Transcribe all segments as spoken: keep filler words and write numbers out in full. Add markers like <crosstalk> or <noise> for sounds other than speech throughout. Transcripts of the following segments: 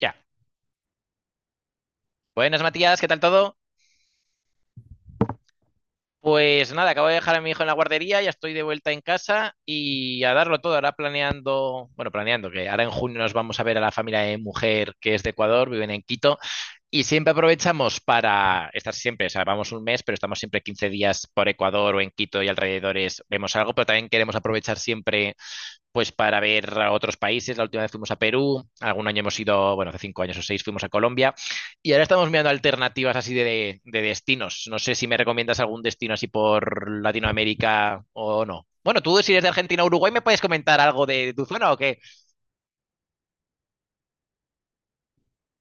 Ya. Buenas, Matías, ¿qué tal todo? Pues nada, acabo de dejar a mi hijo en la guardería, ya estoy de vuelta en casa y a darlo todo. Ahora planeando, bueno, planeando que ahora en junio nos vamos a ver a la familia de mi mujer que es de Ecuador, viven en Quito y siempre aprovechamos para estar siempre, o sea, vamos un mes, pero estamos siempre quince días por Ecuador o en Quito y alrededores, vemos algo, pero también queremos aprovechar siempre pues para ver a otros países. La última vez fuimos a Perú, algún año hemos ido, bueno, hace cinco años o seis fuimos a Colombia y ahora estamos mirando alternativas así de, de destinos. No sé si me recomiendas algún destino así por Latinoamérica o no. Bueno, tú si eres de Argentina o Uruguay, ¿me puedes comentar algo de tu zona o qué?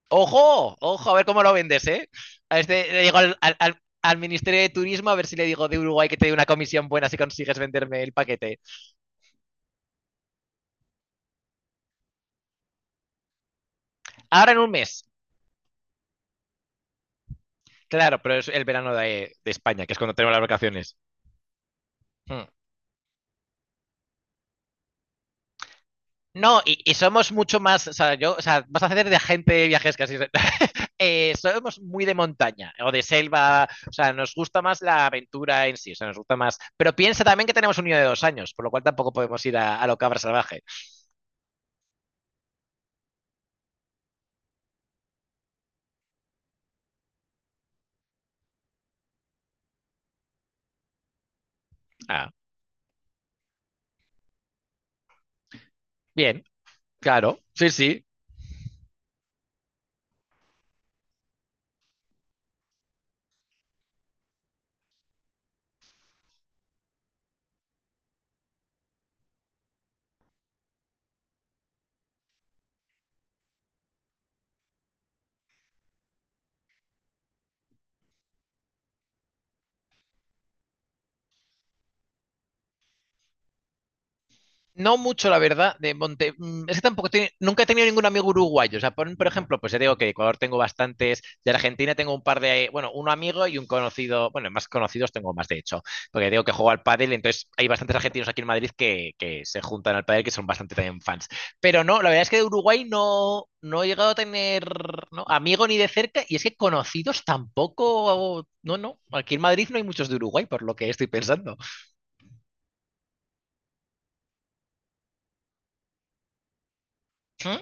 ¡Ojo! ¡Ojo! A ver cómo lo vendes, ¿eh? A este le digo al, al- al- al Ministerio de Turismo, a ver si le digo de Uruguay que te dé una comisión buena si consigues venderme el paquete. Ahora en un mes. Claro, pero es el verano de, de España, que es cuando tenemos las vacaciones. Hmm. No, y, y somos mucho más, o sea, yo, o sea, vas a hacer de agente de viajes casi. <laughs> Eh, somos muy de montaña o de selva, o sea, nos gusta más la aventura en sí, o sea, nos gusta más. Pero piensa también que tenemos un niño de dos años, por lo cual tampoco podemos ir a, a lo cabra salvaje. Ah, bien, claro, sí, sí. No mucho, la verdad, de Monte. mm, es que tampoco tiene, nunca he tenido ningún amigo uruguayo. O sea, por, por ejemplo, pues ya digo que de Ecuador tengo bastantes, de Argentina tengo un par de, bueno, un amigo y un conocido, bueno, más conocidos tengo más de hecho, porque digo que juego al pádel, entonces hay bastantes argentinos aquí en Madrid que, que se juntan al pádel, que son bastante también fans. Pero no, la verdad es que de Uruguay no, no he llegado a tener ¿no? amigo ni de cerca, y es que conocidos tampoco, no, no, aquí en Madrid no hay muchos de Uruguay, por lo que estoy pensando. ¿Mm?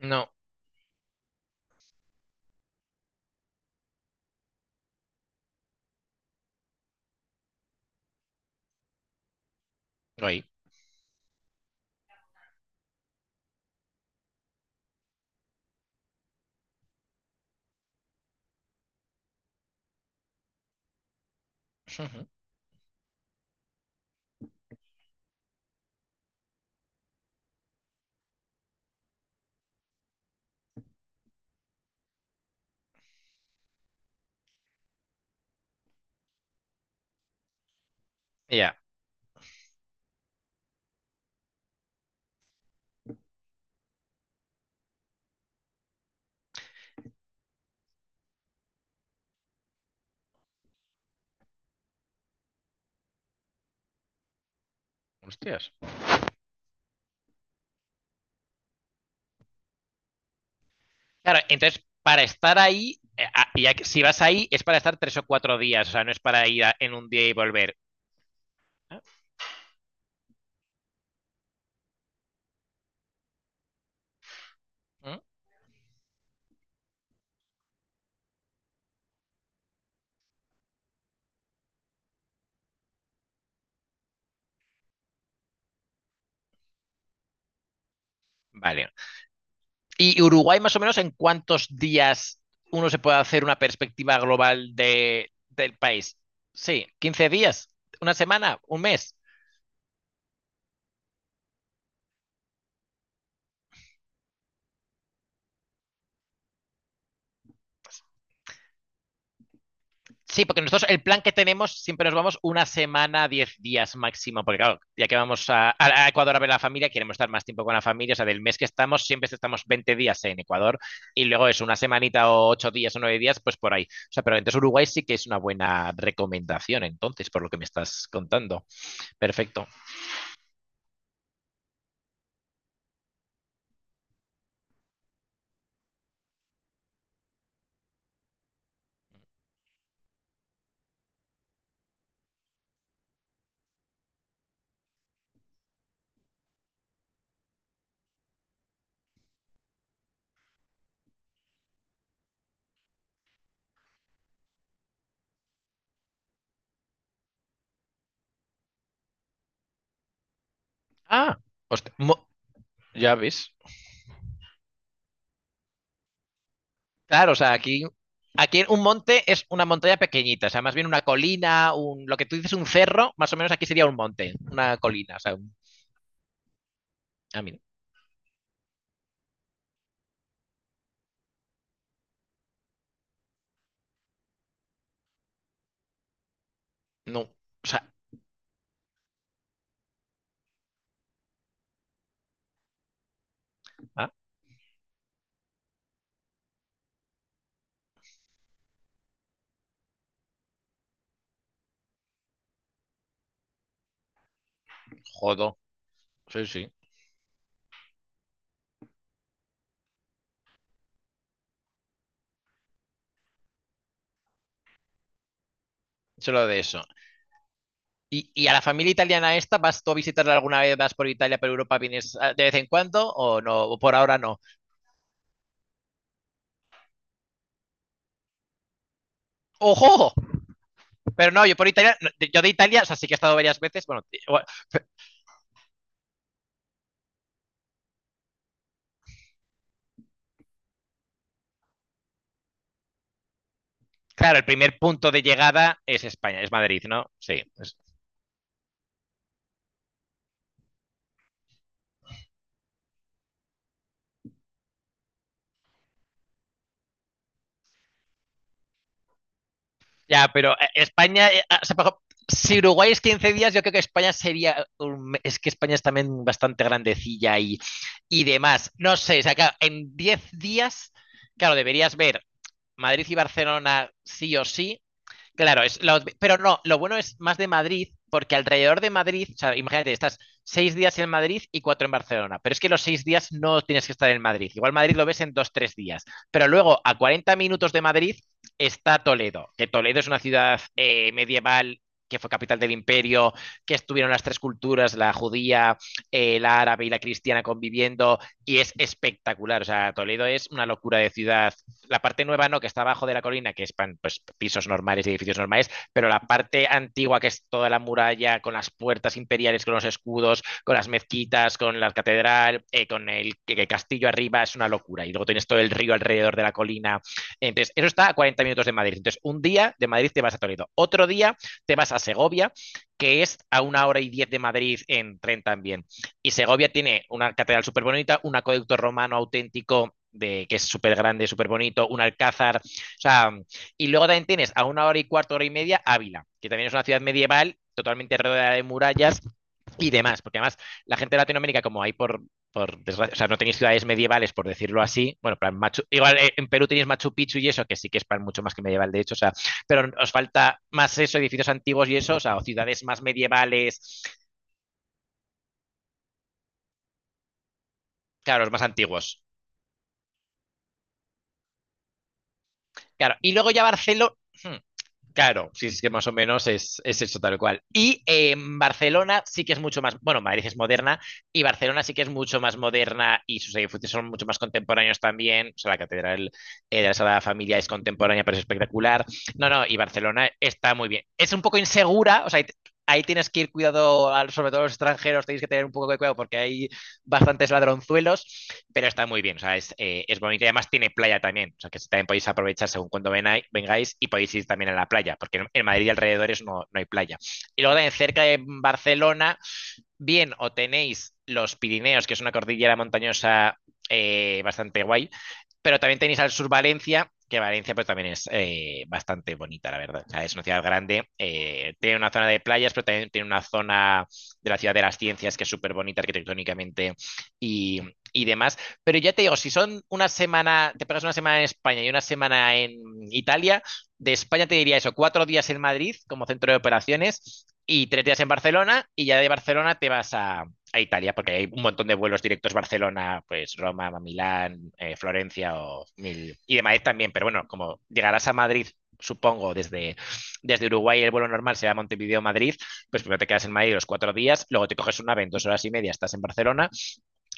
No, no hay. Ujú. Ya. Hostias. Claro, entonces, para estar ahí, eh, ah, ya que- si vas ahí, es para estar tres o cuatro días, o sea, no es para ir a- en un día y volver. Ah, mm, vale. ¿Y Uruguay, más o menos, en cuántos días uno se puede hacer una perspectiva global de, del país? Sí, quince días, una semana, un mes. Sí, porque nosotros el plan que tenemos siempre nos vamos una semana, diez días máximo, porque claro, ya que vamos a, a Ecuador a ver a la familia, queremos estar más tiempo con la familia, o sea, del mes que estamos siempre estamos veinte días en Ecuador y luego es una semanita o ocho días o nueve días, pues por ahí. O sea, pero entonces Uruguay sí que es una buena recomendación, entonces, por lo que me estás contando. Perfecto. Ah, hostia, mo- ya ves. Claro, o sea, aquí, aquí un monte es una montaña pequeñita, o sea, más bien una colina, un, lo que tú dices un cerro, más o menos aquí sería un monte, una colina, o sea, un- a mí no, o sea, ah, jodo, sí, sí, solo de eso. Y, y a la familia italiana esta, ¿vas tú a visitarla alguna vez? ¿Vas por Italia, por Europa, vienes ah, de vez en cuando o no? ¿O por ahora no? ¡Ojo! Pero no, yo por Italia, no, de- yo de Italia, o sea, sí que he estado varias veces, bueno, igual- claro, el primer punto de llegada es España, es Madrid, ¿no? Sí, ya, pero eh, España, eh, ah, o sea, por ejemplo, si Uruguay es 15 días, yo creo que España sería, un me- es que España es también bastante grandecilla y, y demás. No sé, o sea, claro, en 10 días, claro, deberías ver Madrid y Barcelona sí o sí, claro, es lo- pero no, lo bueno es más de Madrid, porque alrededor de Madrid, o sea, imagínate, estás seis días en Madrid y cuatro en Barcelona, pero es que los seis días no tienes que estar en Madrid. Igual Madrid lo ves en dos, tres días, pero luego a 40 minutos de Madrid está Toledo, que Toledo es una ciudad eh, medieval que fue capital del imperio, que estuvieron las tres culturas, la judía, eh, la árabe y la cristiana conviviendo, y es espectacular. O sea, Toledo es una locura de ciudad la parte nueva no, que está abajo de la colina, que es pues, pisos normales y edificios normales, pero la parte antigua, que es toda la muralla, con las puertas imperiales, con los escudos, con las mezquitas, con la catedral, eh, con el, el, castillo arriba, es una locura. Y luego tienes todo el río alrededor de la colina. Entonces, eso está a 40 minutos de Madrid. Entonces, un día de Madrid te vas a Toledo, otro día te vas a Segovia, que es a una hora y diez de Madrid en tren también. Y Segovia tiene una catedral súper bonita, un acueducto romano auténtico de, que es súper grande, súper bonito, un alcázar. O sea, y luego también tienes a una hora y cuarto, hora y media, Ávila, que también es una ciudad medieval, totalmente rodeada de murallas y demás. Porque además, la gente de Latinoamérica, como hay por, por desgracia, o sea, no tenéis ciudades medievales, por decirlo así. Bueno, plan Machu, igual eh, en Perú tenéis Machu Picchu y eso, que sí que es para mucho más que medieval, de hecho, o sea, pero os falta más eso, edificios antiguos y eso, o sea, o ciudades más medievales, claro, los más antiguos. Claro, y luego ya Barcelona, claro, sí, es que más o menos es, es eso tal cual. Y eh, Barcelona sí que es mucho más, bueno, Madrid es moderna y Barcelona sí que es mucho más moderna y sus edificios son mucho más contemporáneos también. O sea, la Catedral eh, de la Sagrada Familia es contemporánea, pero es espectacular. No, no, y Barcelona está muy bien. Es un poco insegura, o sea, hay- ahí tienes que ir cuidado, al- sobre todo los extranjeros, tenéis que tener un poco de cuidado porque hay bastantes ladronzuelos, pero está muy bien, o sea, es, eh, es bonito y además tiene playa también, o sea, que también podéis aprovechar según cuando vengáis y podéis ir también a la playa, porque en, en Madrid y alrededores no, no, hay playa. Y luego también cerca de Barcelona bien o tenéis los Pirineos, que es una cordillera montañosa eh, bastante guay, pero también tenéis al sur Valencia, que Valencia pues también es eh, bastante bonita, la verdad. O sea, es una ciudad grande, eh, tiene una zona de playas, pero también tiene una zona de la ciudad de las ciencias que es súper bonita arquitectónicamente y, y, demás. Pero ya te digo, si son una semana, te pegas una semana en España y una semana en Italia, de España te diría eso, cuatro días en Madrid como centro de operaciones y tres días en Barcelona y ya de Barcelona te vas a, a Italia, porque hay un montón de vuelos directos Barcelona, pues Roma, Milán, eh, Florencia o mil... y de Madrid también, pero bueno, como llegarás a Madrid, supongo, desde, desde Uruguay el vuelo normal será Montevideo-Madrid, pues primero te quedas en Madrid los cuatro días, luego te coges una ave en dos horas y media, estás en Barcelona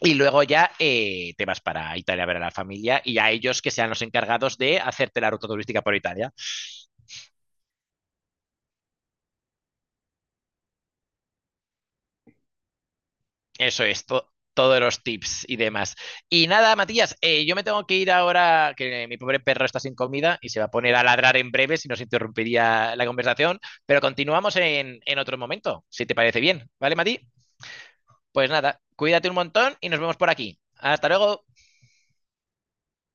y luego ya eh, te vas para Italia a ver a la familia y a ellos que sean los encargados de hacerte la ruta turística por Italia. Eso es, to- todos los tips y demás. Y nada, Matías, eh, yo me tengo que ir ahora, que mi pobre perro está sin comida y se va a poner a ladrar en breve si nos interrumpiría la conversación, pero continuamos en, en otro momento, si te parece bien, ¿vale, Mati? Pues nada, cuídate un montón y nos vemos por aquí. Hasta luego.